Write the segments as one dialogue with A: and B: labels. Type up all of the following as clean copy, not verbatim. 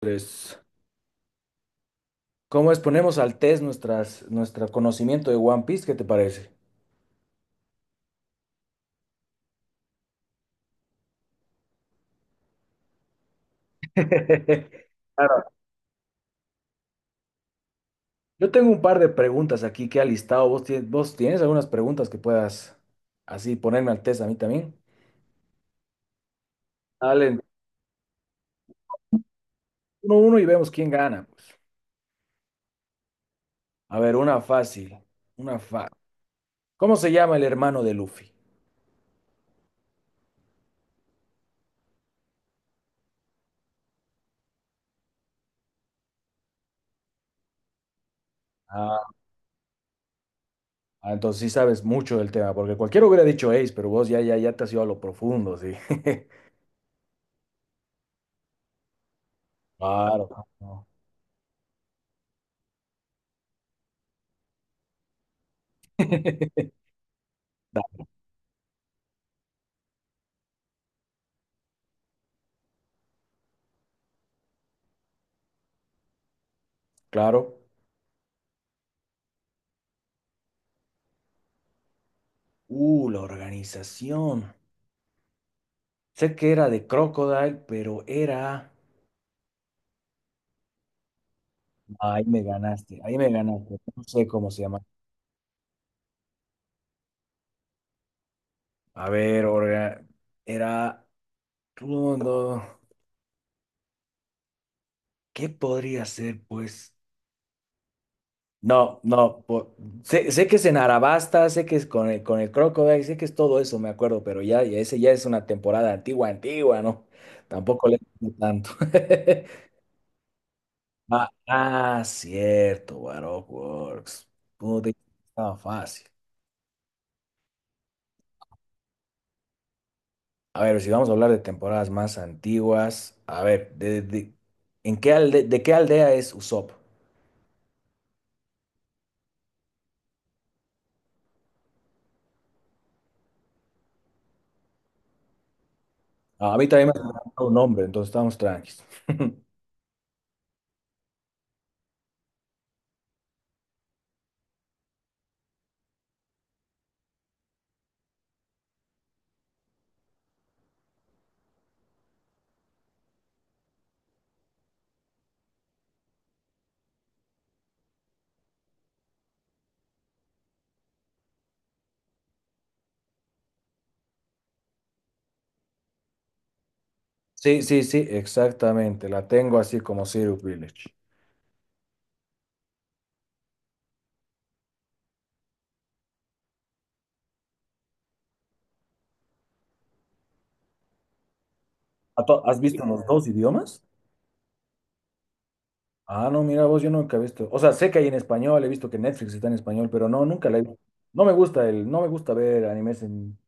A: Tres. ¿Cómo exponemos al test nuestro conocimiento de One Piece? ¿Qué te parece? Claro. Yo tengo un par de preguntas aquí que he listado. ¿Vos tienes algunas preguntas que puedas así ponerme al test a mí también? Dale, uno a uno y vemos quién gana, pues. A ver, una fácil. Una fácil. ¿Cómo se llama el hermano de Luffy? Ah, ah, entonces sí sabes mucho del tema, porque cualquiera hubiera dicho Ace, pero vos ya te has ido a lo profundo, sí. Claro, no. Claro. La organización. Sé que era de Crocodile, pero era... Ahí me ganaste. No sé cómo se llama. A ver, era... no no, ¿Qué podría ser, pues? No, no. Sé que es en Arabasta, sé que es con con el Crocodile, sé que es todo eso, me acuerdo, pero ya ese ya es una temporada antigua, ¿no? Tampoco le sé tanto. Ah, cierto, Baroque Works. Puta, estaba fácil. A ver, si vamos a hablar de temporadas más antiguas, a ver, ¿en qué de qué aldea es Usopp? Ah, a mí también me ha dado un nombre, entonces estamos tranquilos. Sí, exactamente, la tengo así como Zero Village. ¿Has visto los dos idiomas? Ah, no, mira vos, yo nunca he visto. O sea, sé que hay en español, he visto que Netflix está en español, pero no, nunca la he visto. No me gusta no me gusta ver animes en...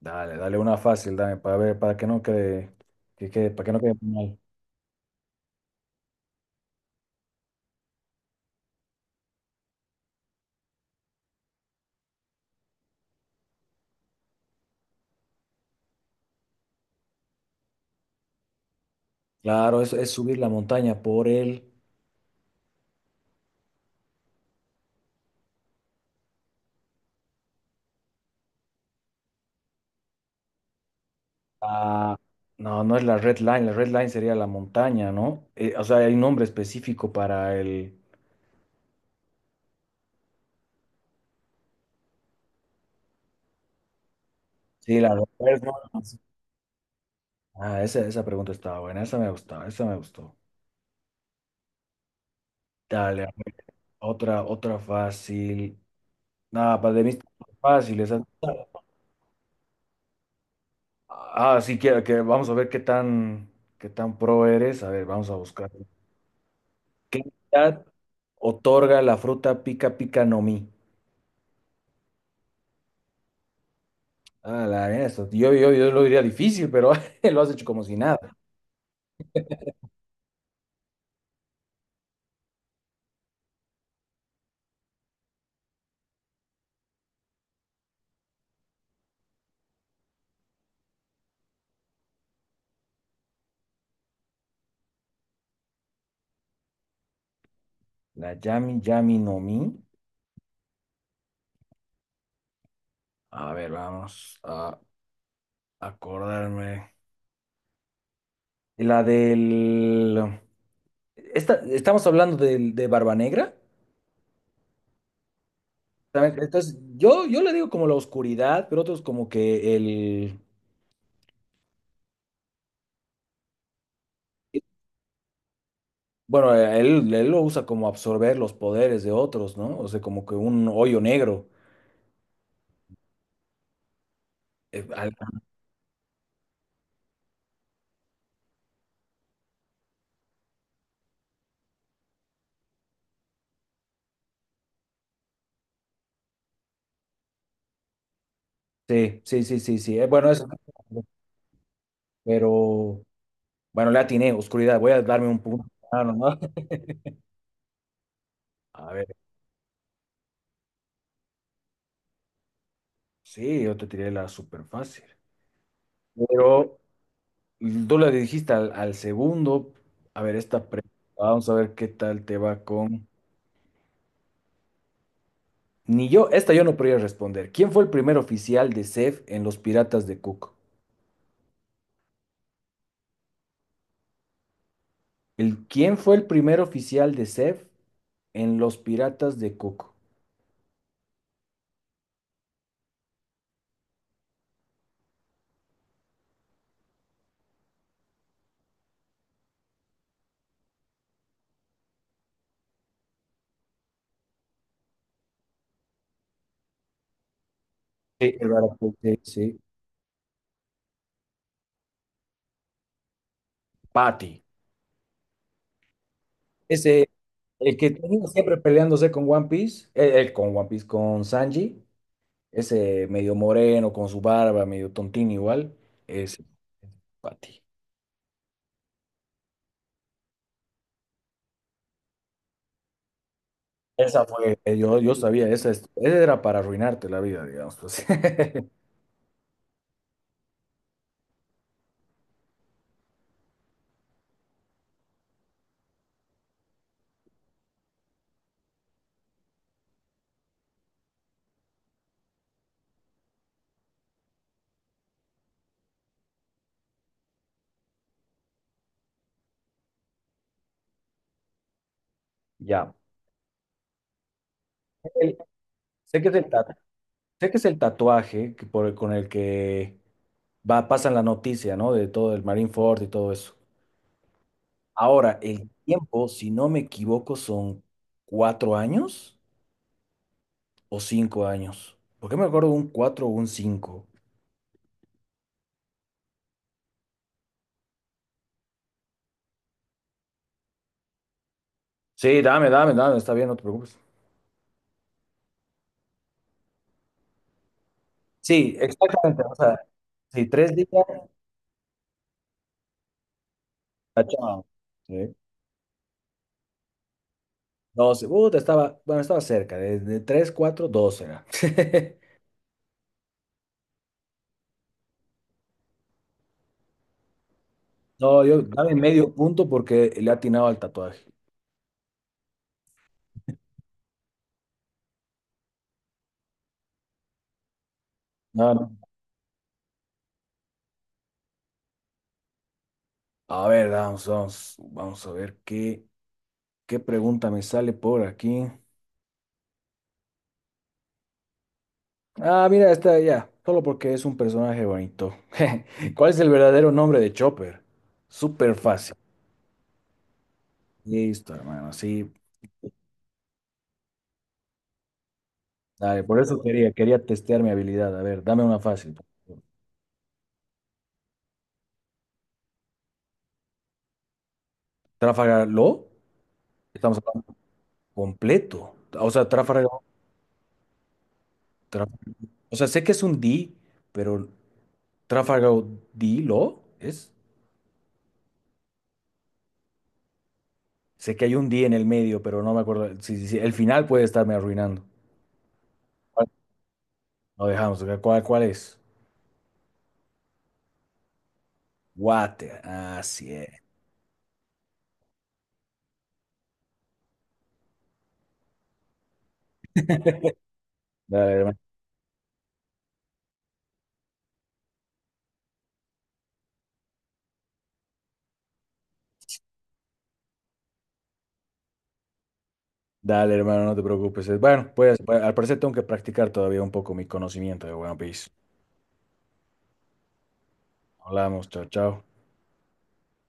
A: Dale, una fácil, dame, para ver, para que no quede mal. Claro, es subir la montaña por el... ah, no, no es la Red Line sería la montaña, ¿no? O sea, hay un nombre específico para el... Sí, la Red Line. Ah, esa pregunta estaba buena, esa me gustaba, esa me gustó. Dale, a ver, otra fácil. Nada, para de mí están fáciles. Ah, sí, que vamos a ver qué tan pro eres. A ver, vamos a buscar. ¿Qué edad otorga la fruta pica pica no mi? Ah, la eso. Yo lo diría difícil, pero lo has hecho como si nada. La Yami Yami no Mi. A ver, vamos a acordarme. La del. Esta, estamos hablando Barba Negra. ¿Saben? Entonces, yo le digo como la oscuridad, pero otros como que el. Bueno, él lo usa como absorber los poderes de otros, ¿no? O sea, como que un hoyo negro. Eh, al- sí, sí, sí, sí, sí. Bueno, eso. Pero. Bueno, la atiné, oscuridad. Voy a darme un punto. Ah, nomás. A ver, sí, yo te tiré la súper fácil. Pero tú la dijiste al segundo. A ver, esta pregunta. Vamos a ver qué tal te va con. Ni yo, esta yo no podría responder. ¿Quién fue el primer oficial de CEF en Los Piratas de Cook? El, ¿quién fue el primer oficial de CEF en Los Piratas de Cook? Sí, el Baracuy, sí, sí. Patty. Ese, el que tenía siempre peleándose con One Piece, con One Piece, con Sanji. Ese medio moreno, con su barba, medio tontín igual, ese Pati. Esa fue, yo sabía, esa era para arruinarte la vida, digamos, pues. Ya. El- sé que es el, ta- Sé que es el tatuaje que con el que va, pasan la noticia, ¿no? De todo el Marine Ford y todo eso. Ahora, el tiempo, si no me equivoco, son 4 años o 5 años. ¿Por qué me acuerdo un cuatro o un cinco? Sí, dame, está bien, no te preocupes. Sí, exactamente. O sea, sí, 3 días, tachado. Sí. 12. Te estaba, bueno, estaba cerca, de 3, 4, 12 era. No, yo dame medio punto porque le atinaba al tatuaje. No, no. A ver, vamos, vamos a ver qué pregunta me sale por aquí. Ah, mira, está ya, solo porque es un personaje bonito. ¿Cuál es el verdadero nombre de Chopper? Súper fácil. Listo, hermano, sí. Dale, por eso quería testear mi habilidad. A ver, dame una fácil. Trafalgar Law, estamos hablando completo. O sea, Traf- o sea, sé que es un D, pero Trafalgar D Law es. Sé que hay un D en el medio, pero no me acuerdo. Sí, sí, sí, el final puede estarme arruinando. ¿Cuál? Lo dejamos. Cuál es? Water. Así es. Dale, hermano. Dale, hermano, no te preocupes. Bueno, pues, al parecer tengo que practicar todavía un poco mi conocimiento de One Piece. Hablamos, chao, chao.